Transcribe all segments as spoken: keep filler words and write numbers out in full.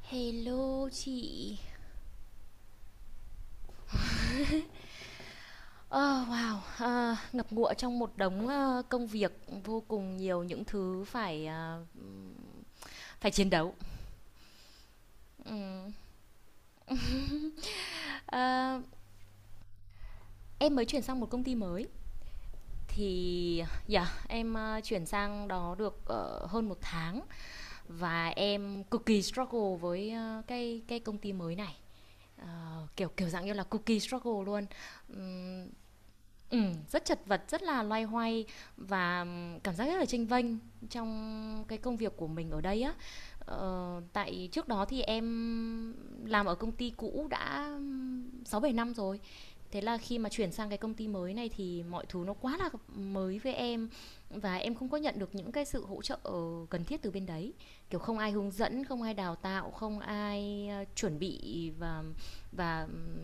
Hello chị. Ờ, wow, à, ngập ngụa trong một đống ờ, công việc, vô cùng nhiều những thứ phải, à, phải chiến đấu. Ừm. Ờ, em mới chuyển sang một công ty mới thì, yeah, em ờ, chuyển sang đó được ờ, hơn một tháng, và em cực kỳ struggle với ờ, cái cái công ty mới này. Ờ, kiểu kiểu dạng như là cookie struggle luôn. Ừm, Ừm, rất chật vật, rất là loay hoay, và cảm giác rất là chênh vênh trong cái công việc của mình ở đây á. Ờ, tại trước đó thì em làm ở công ty cũ đã sáu bảy năm rồi. Thế là khi mà chuyển sang cái công ty mới này thì mọi thứ nó quá là mới với em, và em không có nhận được những cái sự hỗ trợ cần thiết từ bên đấy. Kiểu không ai hướng dẫn, không ai đào tạo, không ai, a, chuẩn bị, và và, ừm,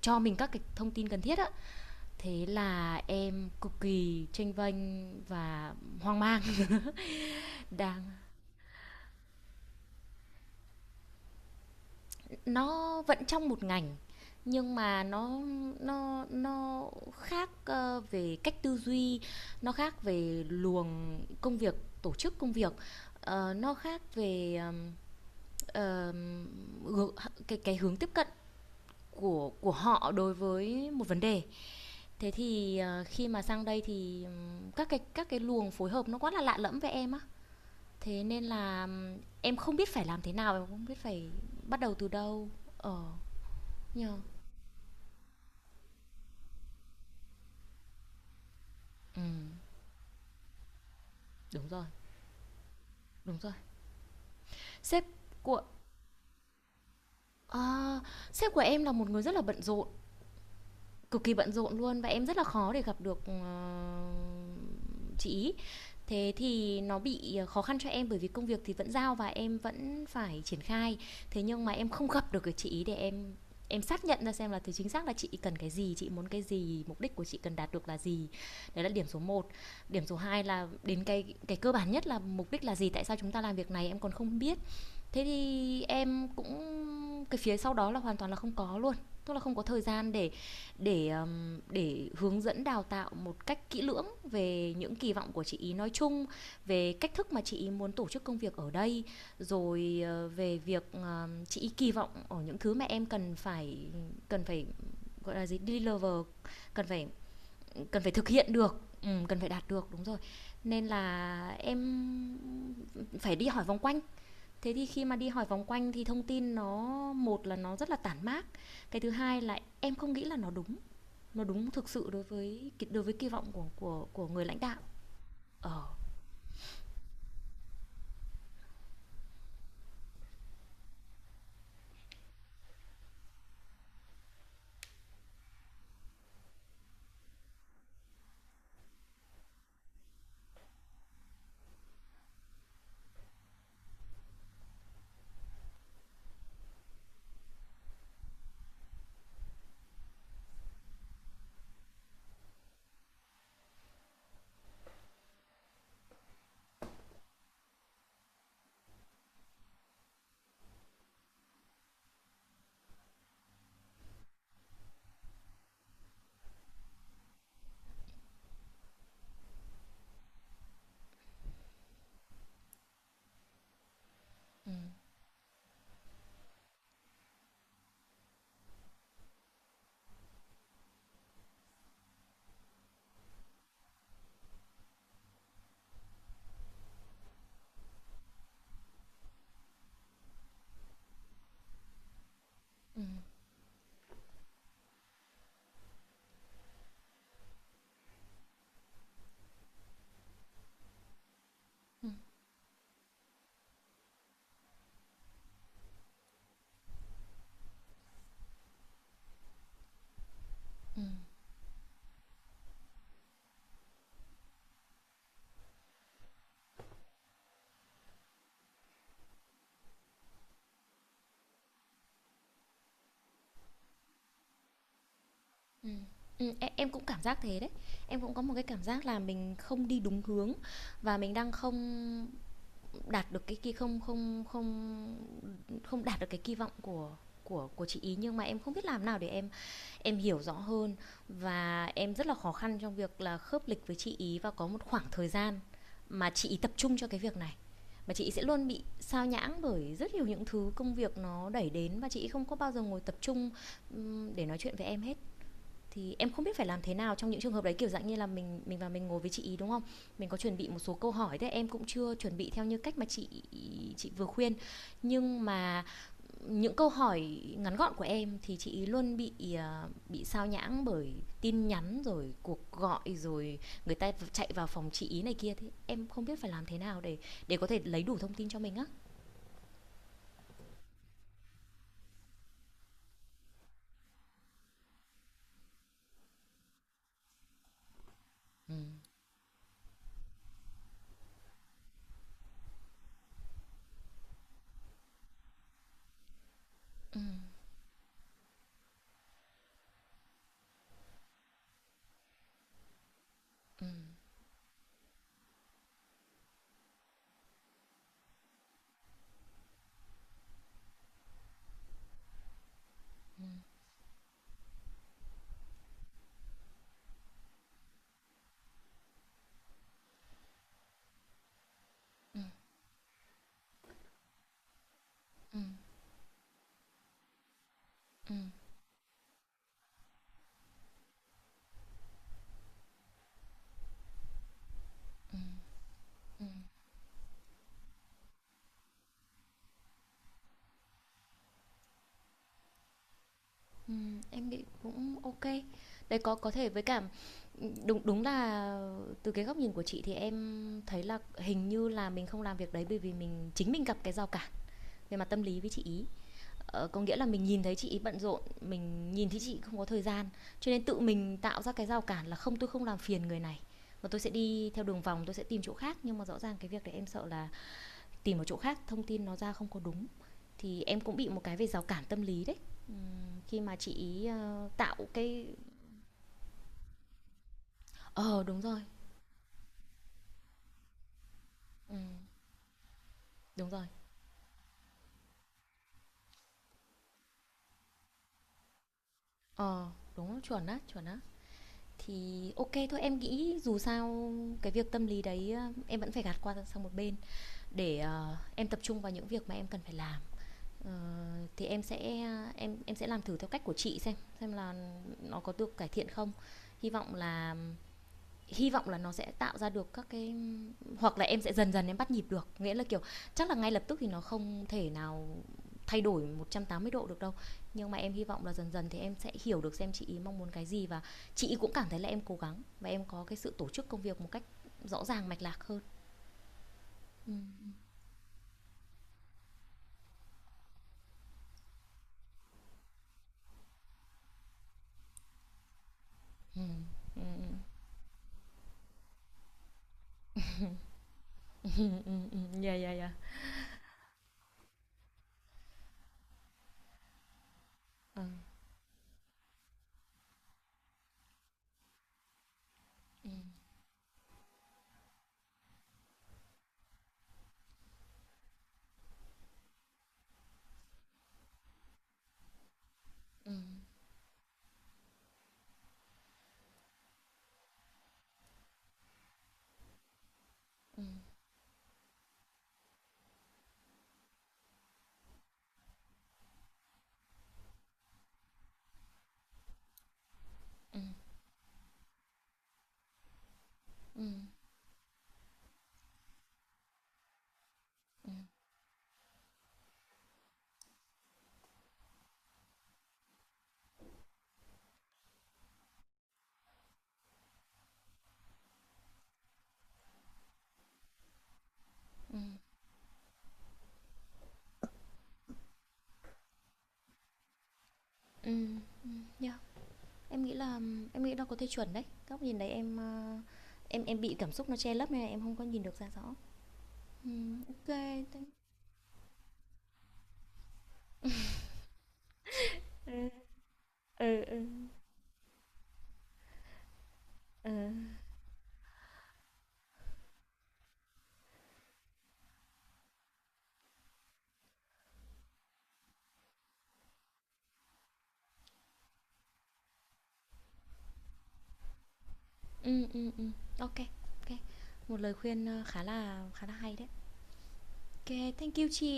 cho mình các cái thông tin cần thiết á. Thế là em cực kỳ chênh vênh và hoang mang. Đang nó vẫn trong một ngành, nhưng mà nó nó nó khác ờ, về cách tư duy, nó khác về luồng công việc, tổ chức công việc, ờ, nó khác về ờm, cái cái hướng tiếp cận của của họ đối với một vấn đề. Thế thì ờ, khi mà sang đây thì các cái các cái luồng phối hợp nó quá là lạ lẫm với em á. Thế nên là em không biết phải làm thế nào, em không biết phải bắt đầu từ đâu. Ờ, Nhờ. Ừm, đúng rồi, đúng rồi. Sếp của ờ, sếp của em là một người rất là bận rộn. Cực kỳ bận rộn luôn, và em rất là khó để gặp được ờ, chị ý. Thế thì nó bị ờ, khó khăn cho em, bởi vì công việc thì vẫn giao và em vẫn phải triển khai. Thế nhưng mà em không gặp được cái chị ý để em em xác nhận ra xem là từ chính xác là chị cần cái gì, chị muốn cái gì, mục đích của chị cần đạt được là gì. Đấy là điểm số một. Điểm số hai là đến cái cái cơ bản nhất là mục đích là gì, tại sao chúng ta làm việc này em còn không biết. Thế thì em cũng, cái phía sau đó là hoàn toàn là không có luôn, tức là không có thời gian để để, ờm, để hướng dẫn đào tạo một cách kỹ lưỡng về những kỳ vọng của chị ý nói chung, về cách thức mà chị ý muốn tổ chức công việc ở đây, rồi ờ, về việc, ờ, chị ấy kỳ vọng ở những thứ mà em cần phải, cần phải, gọi là gì, deliver, cần phải cần phải thực hiện được, ừm, cần phải đạt được, đúng rồi. Nên là em phải đi hỏi vòng quanh. Thế thì khi mà đi hỏi vòng quanh thì thông tin nó, một là nó rất là tản mác, cái thứ hai là em không nghĩ là nó đúng, nó đúng thực sự đối với đối với kỳ vọng của của của người lãnh đạo. Ờ. Ừ, ừ, ừ, ừ. Ừ, e- em cũng cảm giác thế đấy. Em cũng có một cái cảm giác là mình không đi đúng hướng, và mình đang không đạt được cái kỳ không không không không đạt được cái kỳ vọng của của của chị ý, nhưng mà em không biết làm nào để em em hiểu rõ hơn. Và em rất là khó khăn trong việc là khớp lịch với chị ý, và có một khoảng thời gian mà chị ý tập trung cho cái việc này, mà chị ý sẽ luôn bị sao nhãng bởi rất nhiều những thứ công việc nó đẩy đến, và chị ý không có bao giờ ngồi tập trung để nói chuyện với em hết. Thì em không biết phải làm thế nào trong những trường hợp đấy, kiểu dạng như là, mình mình vào mình ngồi với chị ý đúng không? Mình có chuẩn bị một số câu hỏi, thế em cũng chưa chuẩn bị theo như cách mà chị chị vừa khuyên. Nhưng mà những câu hỏi ngắn gọn của em thì chị ý luôn bị, ờ, bị sao nhãng bởi tin nhắn, rồi cuộc gọi, rồi người ta chạy vào phòng chị ý này kia. Thế em không biết phải làm thế nào để để có thể lấy đủ thông tin cho mình á. Ừm, ừm, ừm. Ừm, em nghĩ cũng ok kê. Đấy, có có thể với cả, đúng đúng là từ cái góc nhìn của chị, thì em thấy là hình như là mình không làm việc đấy bởi vì mình, chính mình gặp cái rào cản về mặt tâm lý với chị ý. Ờ, có nghĩa là mình nhìn thấy chị ấy bận rộn, mình nhìn thấy chị không có thời gian, cho nên tự mình tạo ra cái rào cản là không, tôi không làm phiền người này, mà tôi sẽ đi theo đường vòng, tôi sẽ tìm chỗ khác. Nhưng mà rõ ràng cái việc đấy em sợ là tìm một chỗ khác thông tin nó ra không có đúng, thì em cũng bị một cái về rào cản tâm lý đấy. Ừm, khi mà chị ý ờ, tạo cái, ờ đúng rồi. Ừm, đúng rồi. Ờ, đúng chuẩn á, chuẩn á. Thì ok thôi, em nghĩ dù sao cái việc tâm lý đấy ờ, em vẫn phải gạt qua sang một bên để ờ, em tập trung vào những việc mà em cần phải làm. Ờ, thì em sẽ em em sẽ làm thử theo cách của chị xem xem là nó có được cải thiện không. hy vọng là Hy vọng là nó sẽ tạo ra được các cái, hoặc là em sẽ dần dần em bắt nhịp được. Nghĩa là kiểu, chắc là ngay lập tức thì nó không thể nào thay đổi một trăm tám mươi độ được đâu, nhưng mà em hy vọng là dần dần thì em sẽ hiểu được xem chị ý mong muốn cái gì, và chị ý cũng cảm thấy là em cố gắng và em có cái sự tổ chức công việc một cách rõ ràng mạch lạc hơn. Ừ, ừ, ừ, ừ, ừ, ừ, yeah, yeah, yeah, ừ, ừ, ừ, ừ, ừ. Ừ. Yeah. Em nghĩ là em nghĩ nó có thể chuẩn đấy. Góc nhìn đấy em, a, em em bị cảm xúc nó che lấp nên là em không có nhìn được ra rõ. Ừm, OK kê, thank. Ừ, ừ, ờ. Ừm, ừm, ừm, ô kê. Một lời khuyên, ơ, khá là khá là hay đấy. OK kê, thank you chị.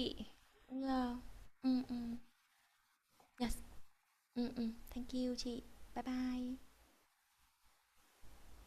Yeah. Ừm, ừm, yes. Ừm, ừm, thank you chị. Bye bye.